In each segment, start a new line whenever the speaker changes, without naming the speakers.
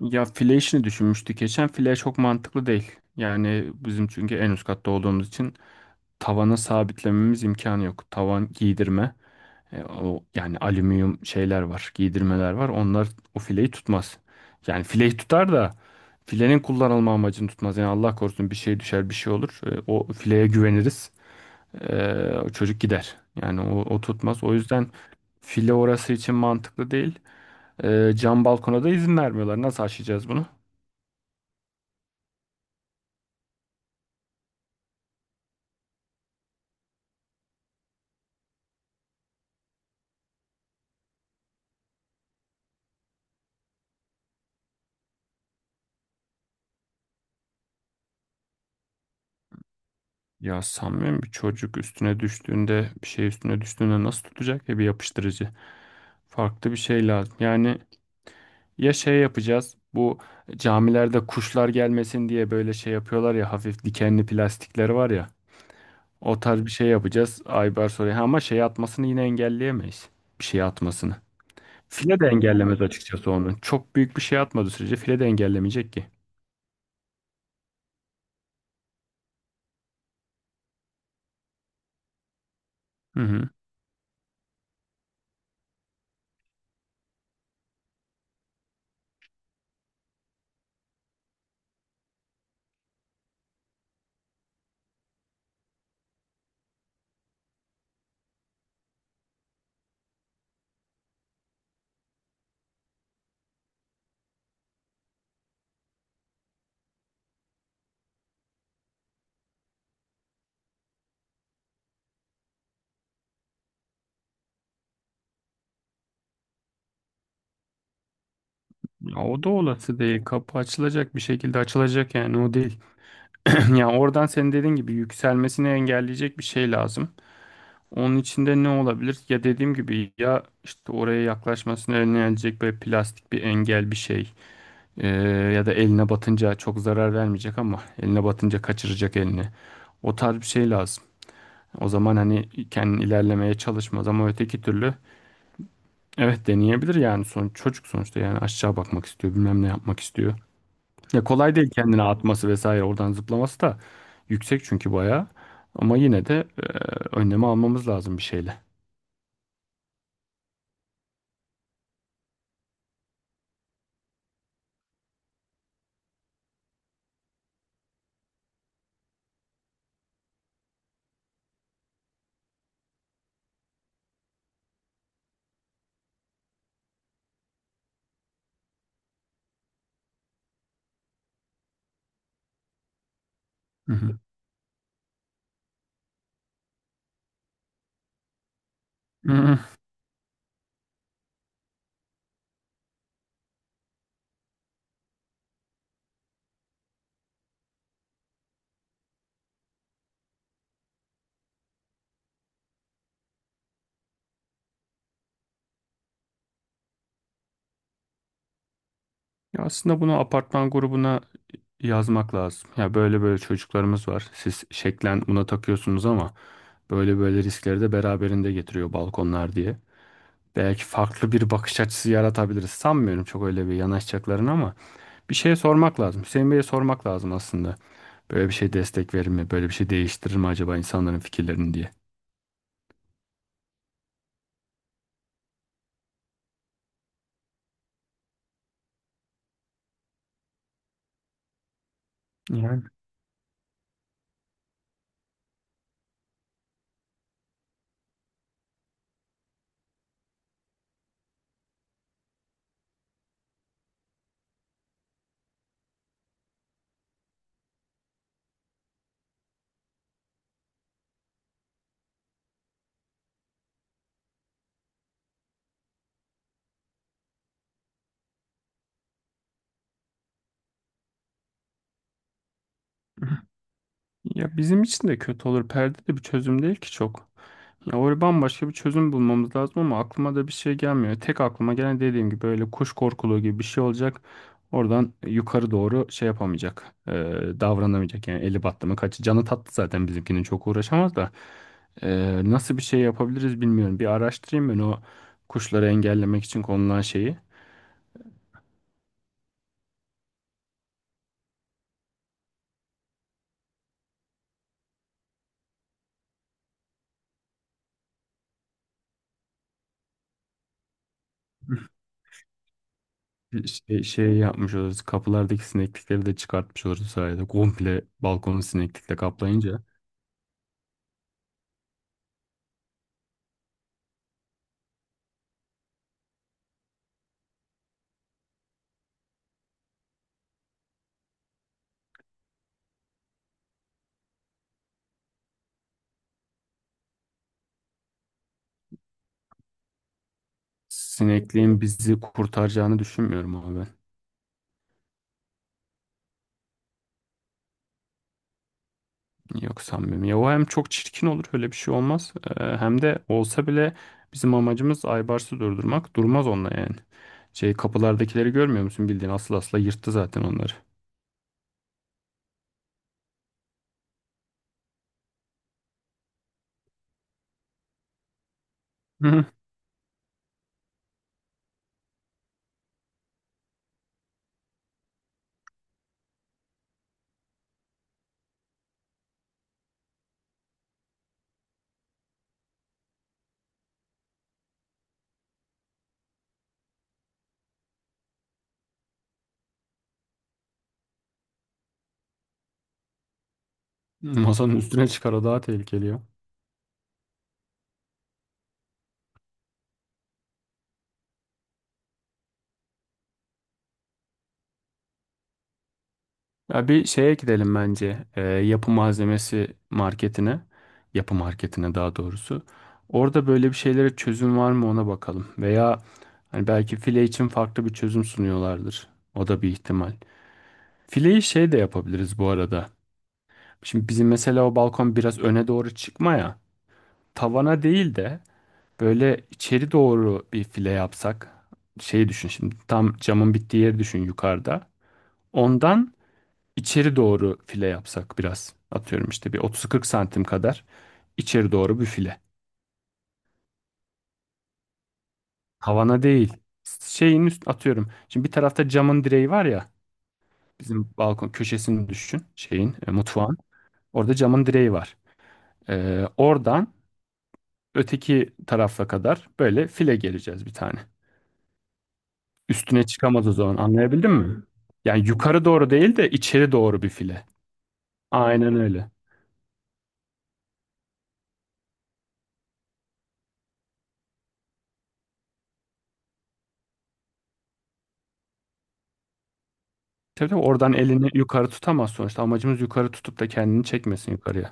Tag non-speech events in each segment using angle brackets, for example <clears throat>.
Ya file işini düşünmüştük geçen. File çok mantıklı değil. Yani bizim çünkü en üst katta olduğumuz için tavana sabitlememiz imkanı yok. Tavan giydirme. O yani alüminyum şeyler var, giydirmeler var. Onlar o fileyi tutmaz. Yani fileyi tutar da filenin kullanılma amacını tutmaz. Yani Allah korusun bir şey düşer, bir şey olur. O fileye güveniriz. E, o çocuk gider. Yani o tutmaz. O yüzden file orası için mantıklı değil. Cam balkona da izin vermiyorlar. Nasıl aşacağız bunu? Ya sanmıyorum, bir çocuk üstüne düştüğünde, bir şey üstüne düştüğünde nasıl tutacak ya bir yapıştırıcı. Farklı bir şey lazım. Yani ya şey yapacağız, bu camilerde kuşlar gelmesin diye böyle şey yapıyorlar ya, hafif dikenli plastikler var ya. O tarz bir şey yapacağız. Aybar soruyor. Ha, ama şey atmasını yine engelleyemeyiz. Bir şey atmasını. File de engellemez açıkçası onu. Çok büyük bir şey atmadığı sürece file de engellemeyecek ki. Hı hı. Ya o da olası değil. Kapı açılacak, bir şekilde açılacak yani, o değil. <clears throat> Yani oradan senin dediğin gibi yükselmesini engelleyecek bir şey lazım. Onun içinde ne olabilir? Ya dediğim gibi, ya işte oraya yaklaşmasını önleyecek böyle plastik bir engel, bir şey. Ee, Ya da eline batınca çok zarar vermeyecek ama eline batınca kaçıracak elini. O tarz bir şey lazım. O zaman hani kendin ilerlemeye çalışmaz ama öteki türlü evet, deneyebilir yani, son çocuk sonuçta yani, aşağı bakmak istiyor, bilmem ne yapmak istiyor. Ya kolay değil kendine atması vesaire, oradan zıplaması da yüksek çünkü bayağı. Ama yine de önlemi almamız lazım bir şeyle. Hı hı. Hı hı. Ya aslında bunu apartman grubuna yazmak lazım. Ya böyle böyle çocuklarımız var. Siz şeklen buna takıyorsunuz ama böyle böyle riskleri de beraberinde getiriyor balkonlar diye. Belki farklı bir bakış açısı yaratabiliriz. Sanmıyorum çok öyle bir yanaşacaklarını ama bir şeye sormak lazım. Hüseyin Bey'e sormak lazım aslında. Böyle bir şey destek verir mi? Böyle bir şey değiştirir mi acaba insanların fikirlerini diye. Yani <laughs> ya bizim için de kötü olur. Perde de bir çözüm değil ki çok. Ya oraya bambaşka bir çözüm bulmamız lazım ama aklıma da bir şey gelmiyor. Tek aklıma gelen, dediğim gibi, böyle kuş korkuluğu gibi bir şey olacak. Oradan yukarı doğru şey yapamayacak, davranamayacak yani, eli battı mı kaçı. Canı tatlı zaten bizimkinin, çok uğraşamaz da. Nasıl bir şey yapabiliriz bilmiyorum. Bir araştırayım ben o kuşları engellemek için konulan şeyi. Şey, şey yapmış oluruz. Kapılardaki sineklikleri de çıkartmış oluruz bu sayede. Komple balkonu sineklikle kaplayınca. Sinekliğin bizi kurtaracağını düşünmüyorum ama ben. Yok, sanmıyorum. Ya o hem çok çirkin olur, öyle bir şey olmaz. Hem de olsa bile bizim amacımız Aybars'ı durdurmak. Durmaz onunla yani. Şey, kapılardakileri görmüyor musun? Bildiğin asıl asla yırttı zaten onları. Hı hı. <laughs> Masanın üstüne çıkar, o daha tehlikeli ya. Ya bir şeye gidelim bence. Yapı malzemesi marketine. Yapı marketine daha doğrusu. Orada böyle bir şeylere çözüm var mı, ona bakalım. Veya hani belki file için farklı bir çözüm sunuyorlardır. O da bir ihtimal. Fileyi şey de yapabiliriz bu arada. Şimdi bizim mesela o balkon biraz öne doğru çıkma ya. Tavana değil de böyle içeri doğru bir file yapsak. Şey düşün şimdi, tam camın bittiği yeri düşün yukarıda. Ondan İçeri doğru file yapsak biraz. Atıyorum işte bir 30-40 santim kadar içeri doğru bir file. Tavana değil. Şeyin üst, atıyorum, şimdi bir tarafta camın direği var ya. Bizim balkon köşesini düşün. Şeyin mutfağın. Orada camın direği var. Oradan öteki tarafa kadar böyle file geleceğiz bir tane. Üstüne çıkamaz o zaman, anlayabildin mi? Yani yukarı doğru değil de içeri doğru bir file. Aynen öyle. Tabii tabii, oradan elini yukarı tutamaz sonuçta. Amacımız yukarı tutup da kendini çekmesin yukarıya.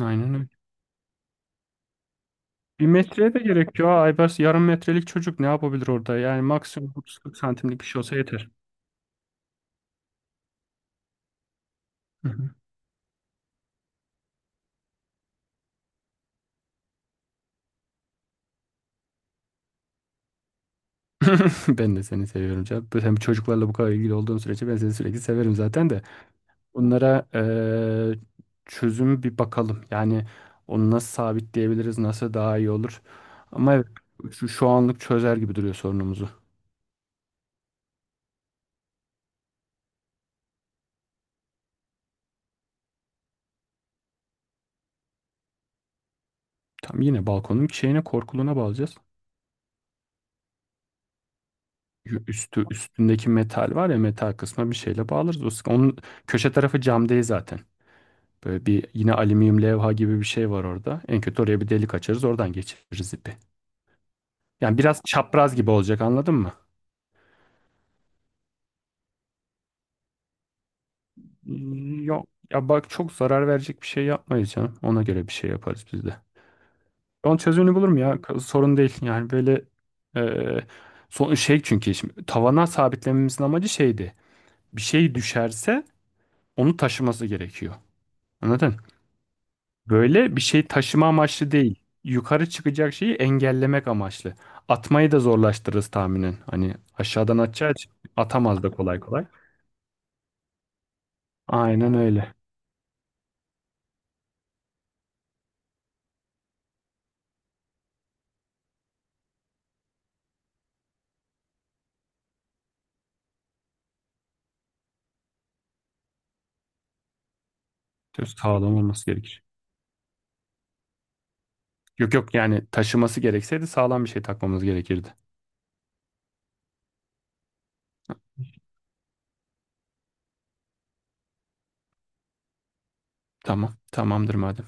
Aynen öyle. Bir metreye de gerek yok. Aybars yarım metrelik çocuk, ne yapabilir orada? Yani maksimum 30-40 santimlik bir şey olsa yeter. Hı hı. <laughs> Ben de seni seviyorum canım. Hem çocuklarla bu kadar ilgili olduğum sürece ben seni sürekli severim zaten de. Bunlara çözüm bir bakalım. Yani onu nasıl sabitleyebiliriz, nasıl daha iyi olur. Ama evet, şu anlık çözer gibi duruyor sorunumuzu. Tam yine balkonun şeyine, korkuluğuna bağlayacağız. Üstündeki metal var ya, metal kısmına bir şeyle bağlarız. Onun köşe tarafı cam değil zaten. Böyle bir yine alüminyum levha gibi bir şey var orada. En kötü oraya bir delik açarız, oradan geçiririz ipi. Yani biraz çapraz gibi olacak, anladın mı? Yok. Ya bak, çok zarar verecek bir şey yapmayız canım. Ona göre bir şey yaparız biz de. Onun çözümünü bulurum ya. Sorun değil. Yani böyle e, son şey, çünkü şimdi tavana sabitlememizin amacı şeydi. Bir şey düşerse onu taşıması gerekiyor. Anladın? Böyle bir şey taşıma amaçlı değil. Yukarı çıkacak şeyi engellemek amaçlı. Atmayı da zorlaştırırız tahminen. Hani aşağıdan atacağı için atamaz da kolay kolay. Aynen öyle. Söz, sağlam olması gerekir. Yok yok, yani taşıması gerekseydi sağlam bir şey takmamız gerekirdi. Tamam. Tamamdır madem.